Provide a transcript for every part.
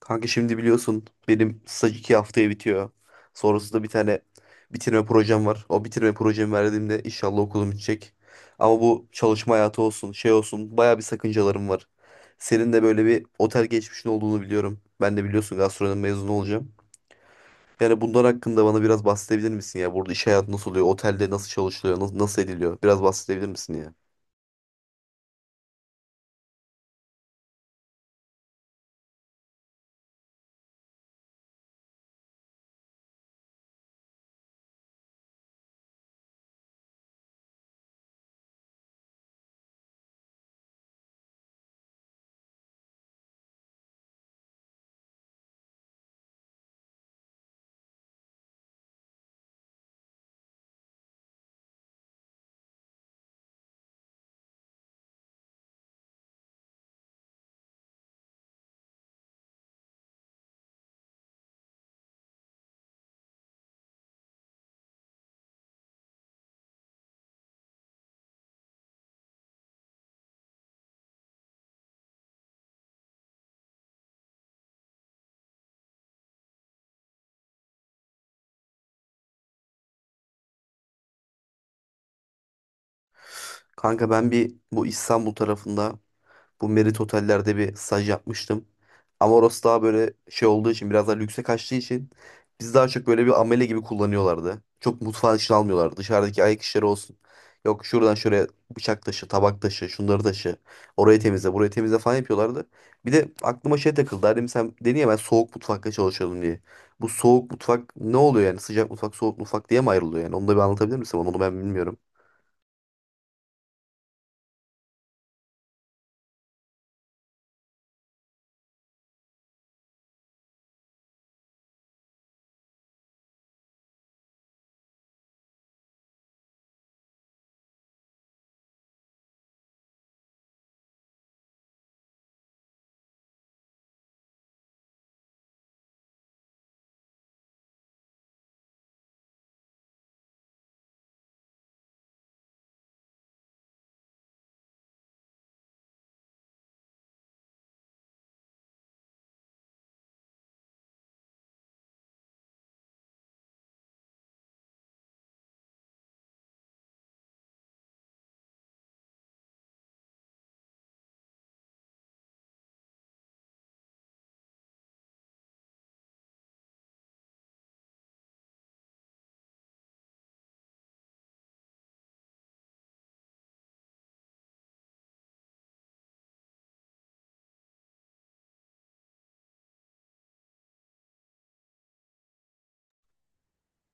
Kanka şimdi biliyorsun benim staj iki haftaya bitiyor. Sonrasında bir tane bitirme projem var. O bitirme projemi verdiğimde inşallah okulum bitecek. Ama bu çalışma hayatı olsun, şey olsun baya bir sakıncalarım var. Senin de böyle bir otel geçmişin olduğunu biliyorum. Ben de biliyorsun gastronomi mezunu olacağım. Yani bunlar hakkında bana biraz bahsedebilir misin ya? Burada iş hayatı nasıl oluyor? Otelde nasıl çalışılıyor? Nasıl ediliyor? Biraz bahsedebilir misin ya? Kanka ben bu İstanbul tarafında, bu Merit Oteller'de bir staj yapmıştım. Ama orası daha böyle şey olduğu için, biraz daha lükse kaçtığı için biz daha çok böyle bir amele gibi kullanıyorlardı. Çok mutfağın içine almıyorlardı. Dışarıdaki ayak işleri olsun. Yok şuradan şuraya bıçak taşı, tabak taşı, şunları taşı. Orayı temizle, burayı temizle falan yapıyorlardı. Bir de aklıma şey takıldı. Hani sen dedin ya ben soğuk mutfakta çalışıyordum diye. Bu soğuk mutfak ne oluyor yani? Sıcak mutfak, soğuk mutfak diye mi ayrılıyor yani? Onu da bir anlatabilir misin bana? Onu ben bilmiyorum.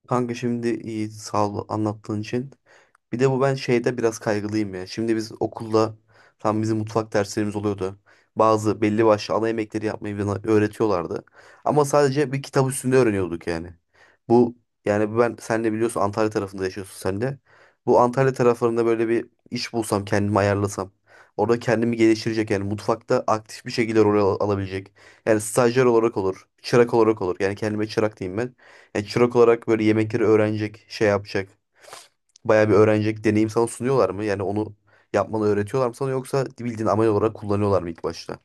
Kanka şimdi iyi, sağ ol anlattığın için. Bir de bu ben şeyde biraz kaygılıyım ya. Şimdi biz okulda tam bizim mutfak derslerimiz oluyordu. Bazı belli başlı ana yemekleri yapmayı bana öğretiyorlardı. Ama sadece bir kitap üstünde öğreniyorduk yani. Bu yani ben, sen de biliyorsun Antalya tarafında yaşıyorsun sen de. Bu Antalya taraflarında böyle bir iş bulsam, kendimi ayarlasam. Orada kendimi geliştirecek, yani mutfakta aktif bir şekilde alabilecek. Yani stajyer olarak olur, çırak olarak olur. Yani kendime çırak diyeyim ben. Yani çırak olarak böyle yemekleri öğrenecek, şey yapacak. Bayağı bir öğrenecek deneyim sana sunuyorlar mı? Yani onu yapmanı öğretiyorlar mı sana, yoksa bildiğin amel olarak kullanıyorlar mı ilk başta?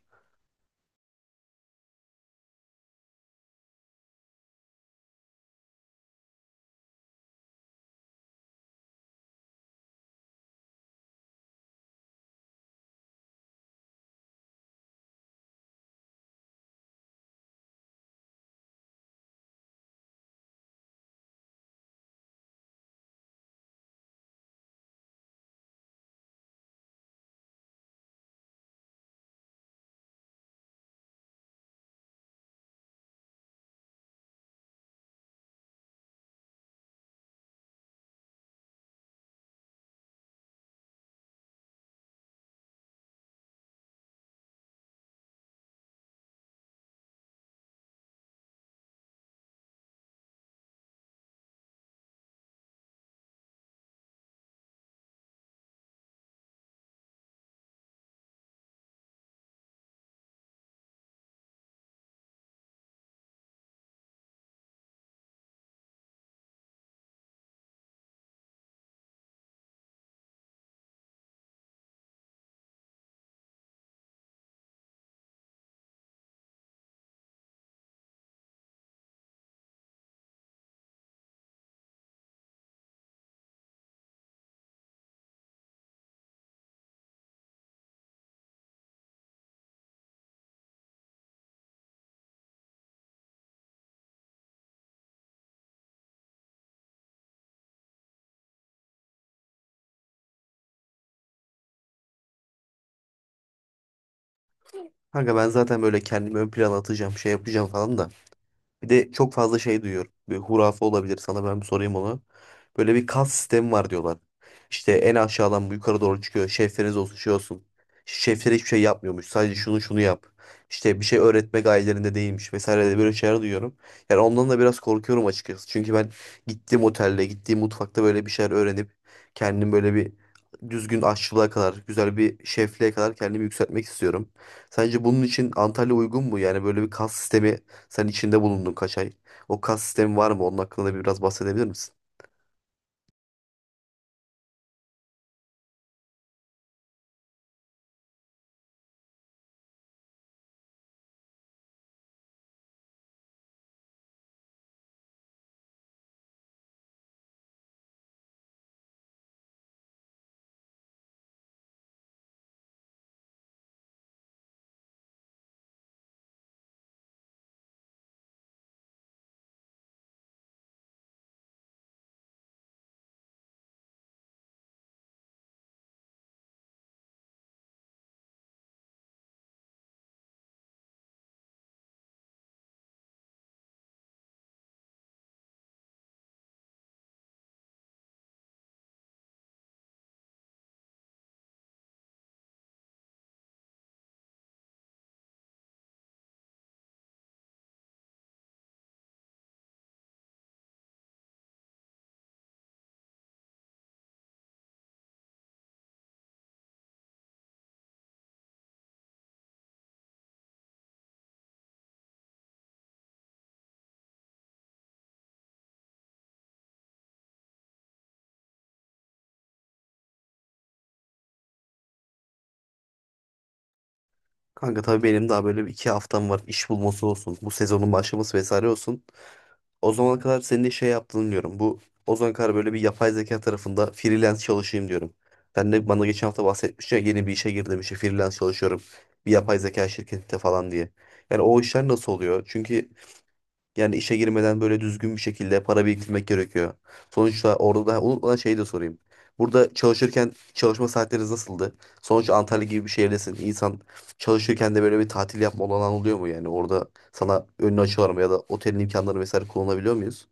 Kanka ben zaten böyle kendimi ön plana atacağım, şey yapacağım falan da. Bir de çok fazla şey duyuyorum. Bir hurafe olabilir, sana ben bir sorayım onu. Böyle bir kas sistemi var diyorlar. İşte en aşağıdan bu yukarı doğru çıkıyor. Şefleriniz olsun, şey olsun. Şefler hiçbir şey yapmıyormuş. Sadece şunu şunu yap. İşte bir şey öğretme gayelerinde değilmiş vesaire de, böyle şeyler duyuyorum. Yani ondan da biraz korkuyorum açıkçası. Çünkü ben gittiğim otelde, gittiğim mutfakta böyle bir şeyler öğrenip kendim böyle bir düzgün aşçılığa kadar, güzel bir şefliğe kadar kendimi yükseltmek istiyorum. Sence bunun için Antalya uygun mu? Yani böyle bir kas sistemi, sen içinde bulundun kaç ay. O kas sistemi var mı? Onun hakkında da biraz bahsedebilir misin? Kanka tabii benim daha böyle bir iki haftam var. İş bulması olsun, bu sezonun başlaması vesaire olsun. O zamana kadar senin de şey yaptığını diyorum. Bu, o zamana kadar böyle bir yapay zeka tarafında freelance çalışayım diyorum. Sen de bana geçen hafta bahsetmiştin ya, yeni bir işe girdim işte, freelance çalışıyorum bir yapay zeka şirketinde falan diye. Yani o işler nasıl oluyor? Yani işe girmeden böyle düzgün bir şekilde para biriktirmek gerekiyor. Sonuçta orada da, unutmadan şeyi de sorayım, burada çalışırken çalışma saatleriniz nasıldı? Sonuçta Antalya gibi bir şehirdesin. İnsan çalışırken de böyle bir tatil yapma olanağı oluyor mu yani? Orada sana önünü açıyorlar mı, ya da otelin imkanları vesaire kullanabiliyor muyuz?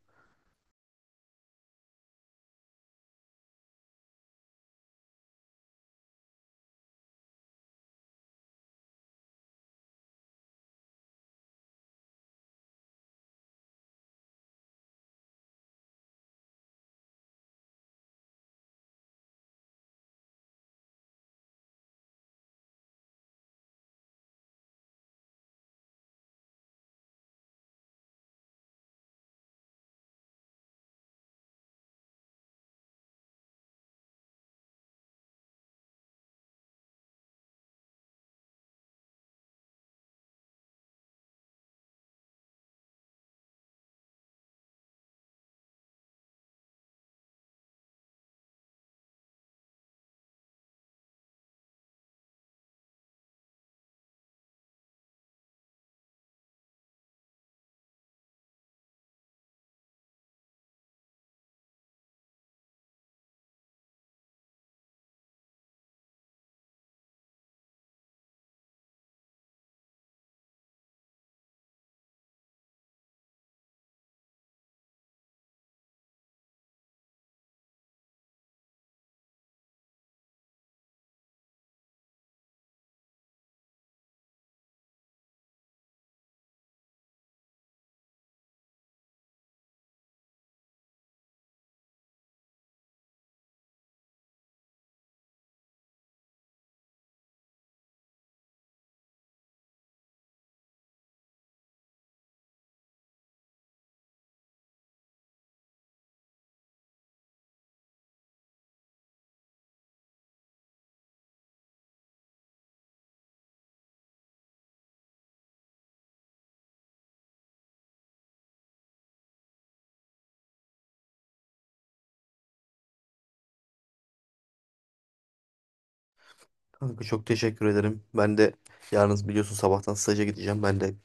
Kanka çok teşekkür ederim. Ben de yarın biliyorsun sabahtan staja gideceğim. Ben de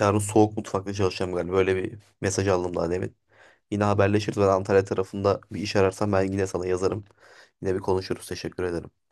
yarın soğuk mutfakta çalışacağım galiba. Böyle bir mesaj aldım daha demin. Yine haberleşiriz. Ben Antalya tarafında bir iş ararsam ben yine sana yazarım. Yine bir konuşuruz. Teşekkür ederim.